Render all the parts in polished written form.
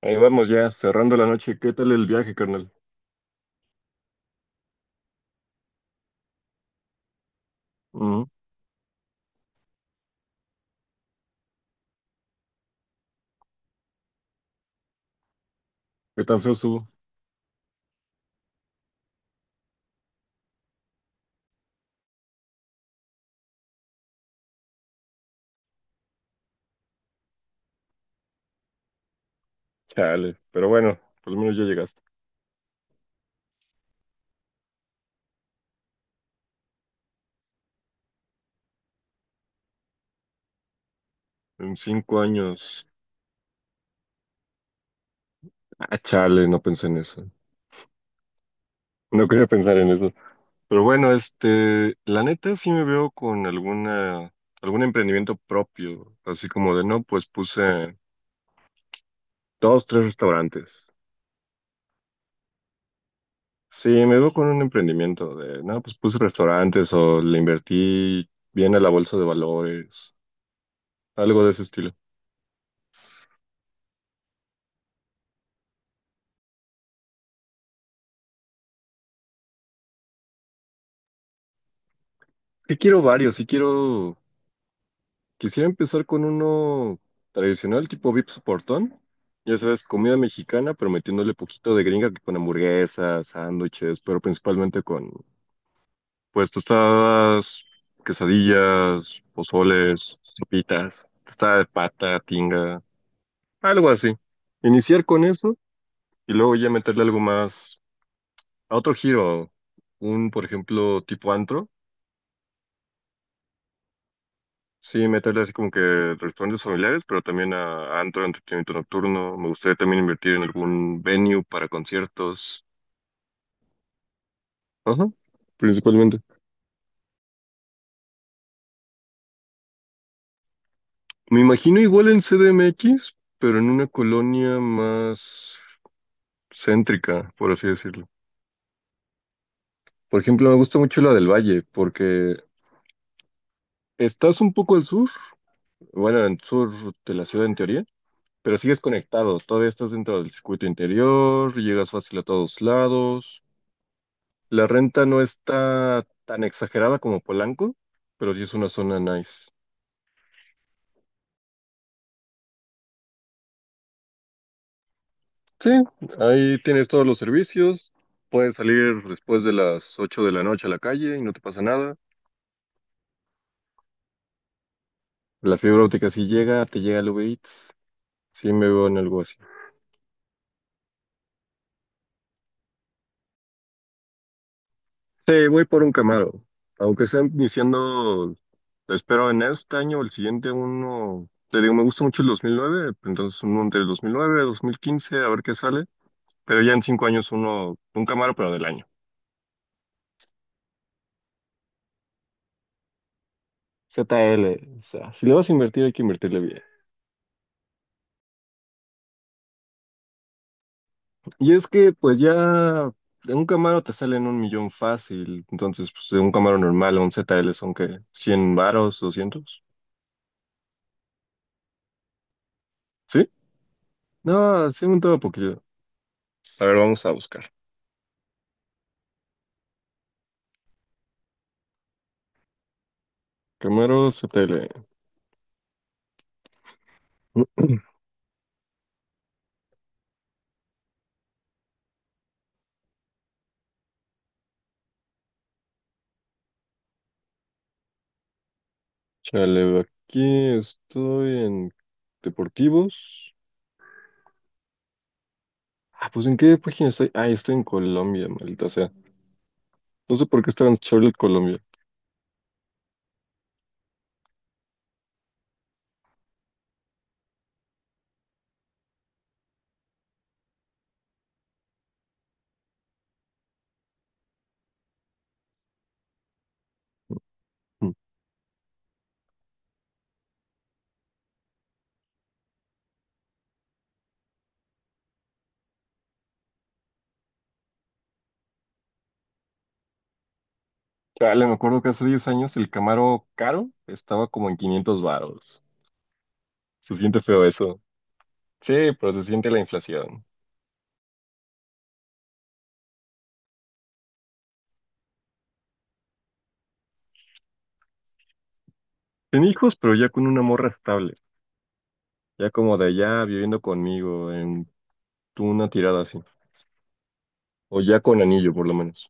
Ahí vamos ya, cerrando la noche. ¿Qué tal el viaje, carnal? Ujú. ¿Qué tan feo estuvo? Chale, pero bueno, por lo menos ya llegaste. En 5 años. Ah, chale, no pensé en eso. No quería pensar en eso. Pero bueno, la neta sí me veo con algún emprendimiento propio. Así como de no, pues puse 2, 3 restaurantes. Sí, me veo con un emprendimiento de no, pues puse restaurantes o le invertí bien a la bolsa de valores. Algo de ese estilo. Sí quiero varios, sí quiero. Quisiera empezar con uno tradicional, tipo Vips Portón. Ya sabes, comida mexicana, pero metiéndole poquito de gringa que con hamburguesas, sándwiches, pero principalmente pues, tostadas, quesadillas, pozoles, sopitas, tostada de pata, tinga, algo así. Iniciar con eso y luego ya meterle algo más a otro giro. Un, por ejemplo, tipo antro. Sí, meterle así como que restaurantes familiares, pero también a antro, entretenimiento nocturno. Me gustaría también invertir en algún venue para conciertos. Ajá, principalmente. Me imagino igual en CDMX, pero en una colonia más céntrica, por así decirlo. Por ejemplo, me gusta mucho la del Valle, porque estás un poco al sur, bueno, al sur de la ciudad en teoría, pero sigues conectado, todavía estás dentro del circuito interior, llegas fácil a todos lados. La renta no está tan exagerada como Polanco, pero sí es una zona nice. Sí, ahí tienes todos los servicios. Puedes salir después de las 8 de la noche a la calle y no te pasa nada. La fibra óptica sí llega, te llega el Uber Eats. Sí me veo en algo así. Sí, voy por un Camaro. Aunque sea iniciando, espero en este año o el siguiente uno. Te digo, me gusta mucho el 2009, entonces uno entre el 2009 y 2015, a ver qué sale. Pero ya en 5 años uno, un Camaro, pero del año. ZL, o sea, si le vas a invertir hay que invertirle bien. Y es que pues ya de un Camaro te salen 1 millón fácil, entonces pues de un Camaro normal a un ZL son que 100 varos, 200, ¿sí? No, sí, un todo poquito. A ver, vamos a buscar. Camaro ZL. Chale, aquí estoy en Deportivos. Ah, pues ¿en qué página estoy? Ah, estoy en Colombia, maldita sea. No sé por qué estaba en Chevrolet Colombia. Dale, me acuerdo que hace 10 años el Camaro caro estaba como en 500 varos. Se siente feo eso. Sí, pero se siente la inflación. Sin hijos, pero ya con una morra estable. Ya como de allá viviendo conmigo en una tirada así. O ya con anillo, por lo menos.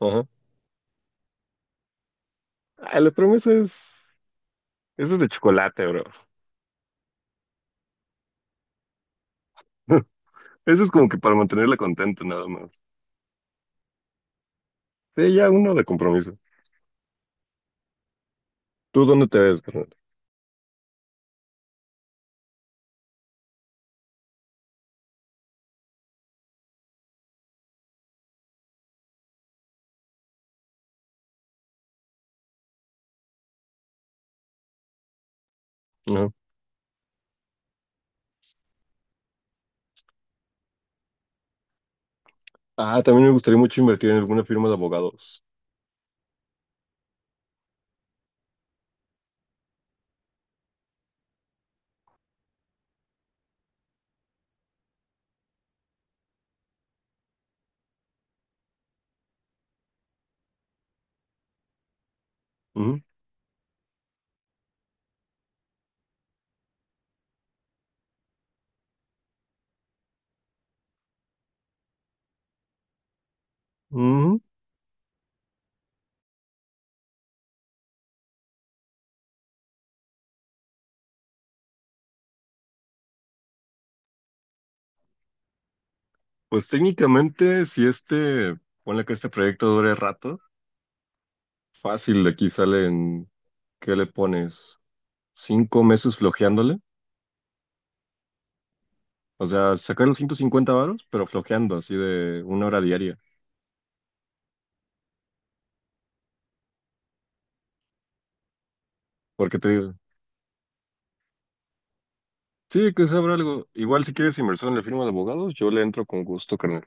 Ajá. Ah, la promesa es... Eso es de chocolate, bro. Eso es como que para mantenerla contenta, nada más. Sí, ya uno de compromiso. ¿Tú dónde te ves, carnal? Ajá. Ah, también me gustaría mucho invertir en alguna firma de abogados. Ujú. Ujú. Pues técnicamente, si este, ponle que este proyecto dure rato, fácil, de aquí salen, ¿qué le pones? Cinco meses flojeándole. O sea, sacar los 150 varos, pero flojeando, así de 1 hora diaria. Porque te digo, sí, que sabrá algo. Igual si quieres inversión en la firma de abogados, yo le entro con gusto, carnal.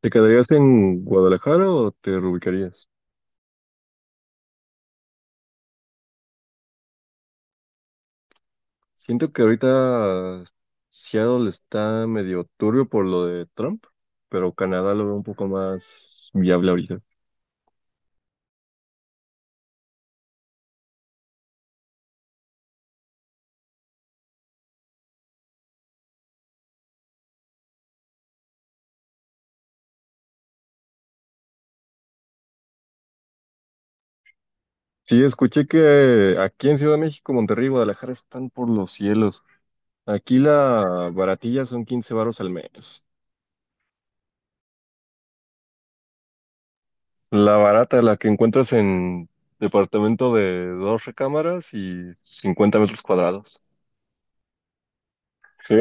¿Te quedarías en Guadalajara o te reubicarías? Siento que ahorita Seattle está medio turbio por lo de Trump, pero Canadá lo veo un poco más viable ahorita. Sí, escuché que aquí en Ciudad de México, Monterrey y Guadalajara están por los cielos. Aquí la baratilla son 15 varos al mes. La barata, la que encuentras en departamento de 2 recámaras y 50 metros cuadrados. Sí,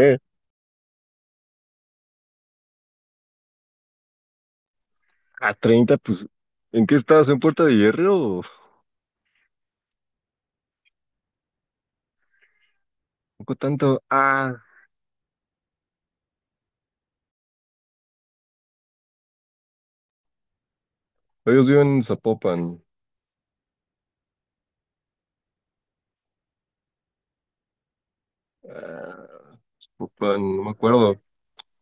a 30 pues, ¿en qué estás? ¿En Puerta de Hierro? Poco tanto. Ah, ellos viven en Zapopan. Ah, Zapopan, no me acuerdo.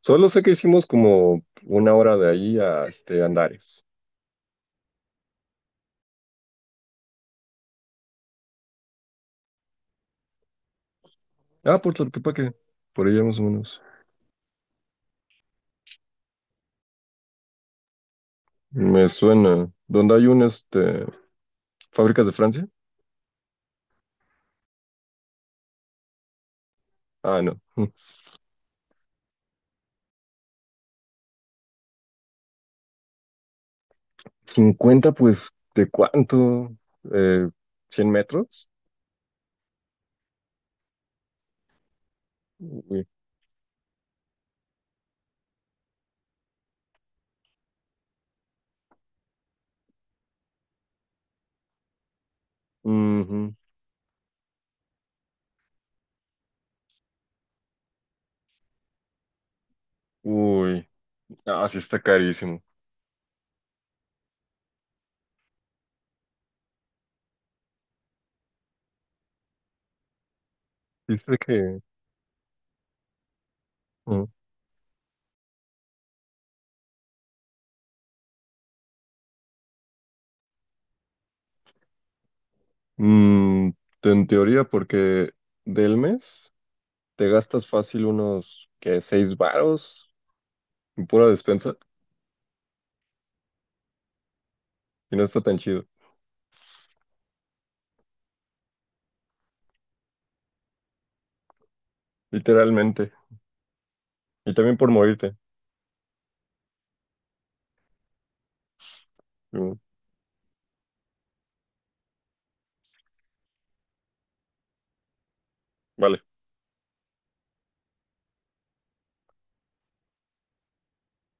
Solo sé que hicimos como 1 hora de ahí a este Andares. Ah, Puerto Arquepaque, por allá más o menos. Me suena. ¿Dónde hay un, fábricas de Francia? Ah, no. 50, pues, ¿de cuánto? Eh, ¿100 metros? Uy. Ujú. Uy. Ah, sí está carísimo. Dice que... ah. Mm, en teoría, porque del mes te gastas fácil unos, ¿qué? ¿6 varos en pura despensa? Y no está tan chido, literalmente. Y también por morirte. Mm, vale.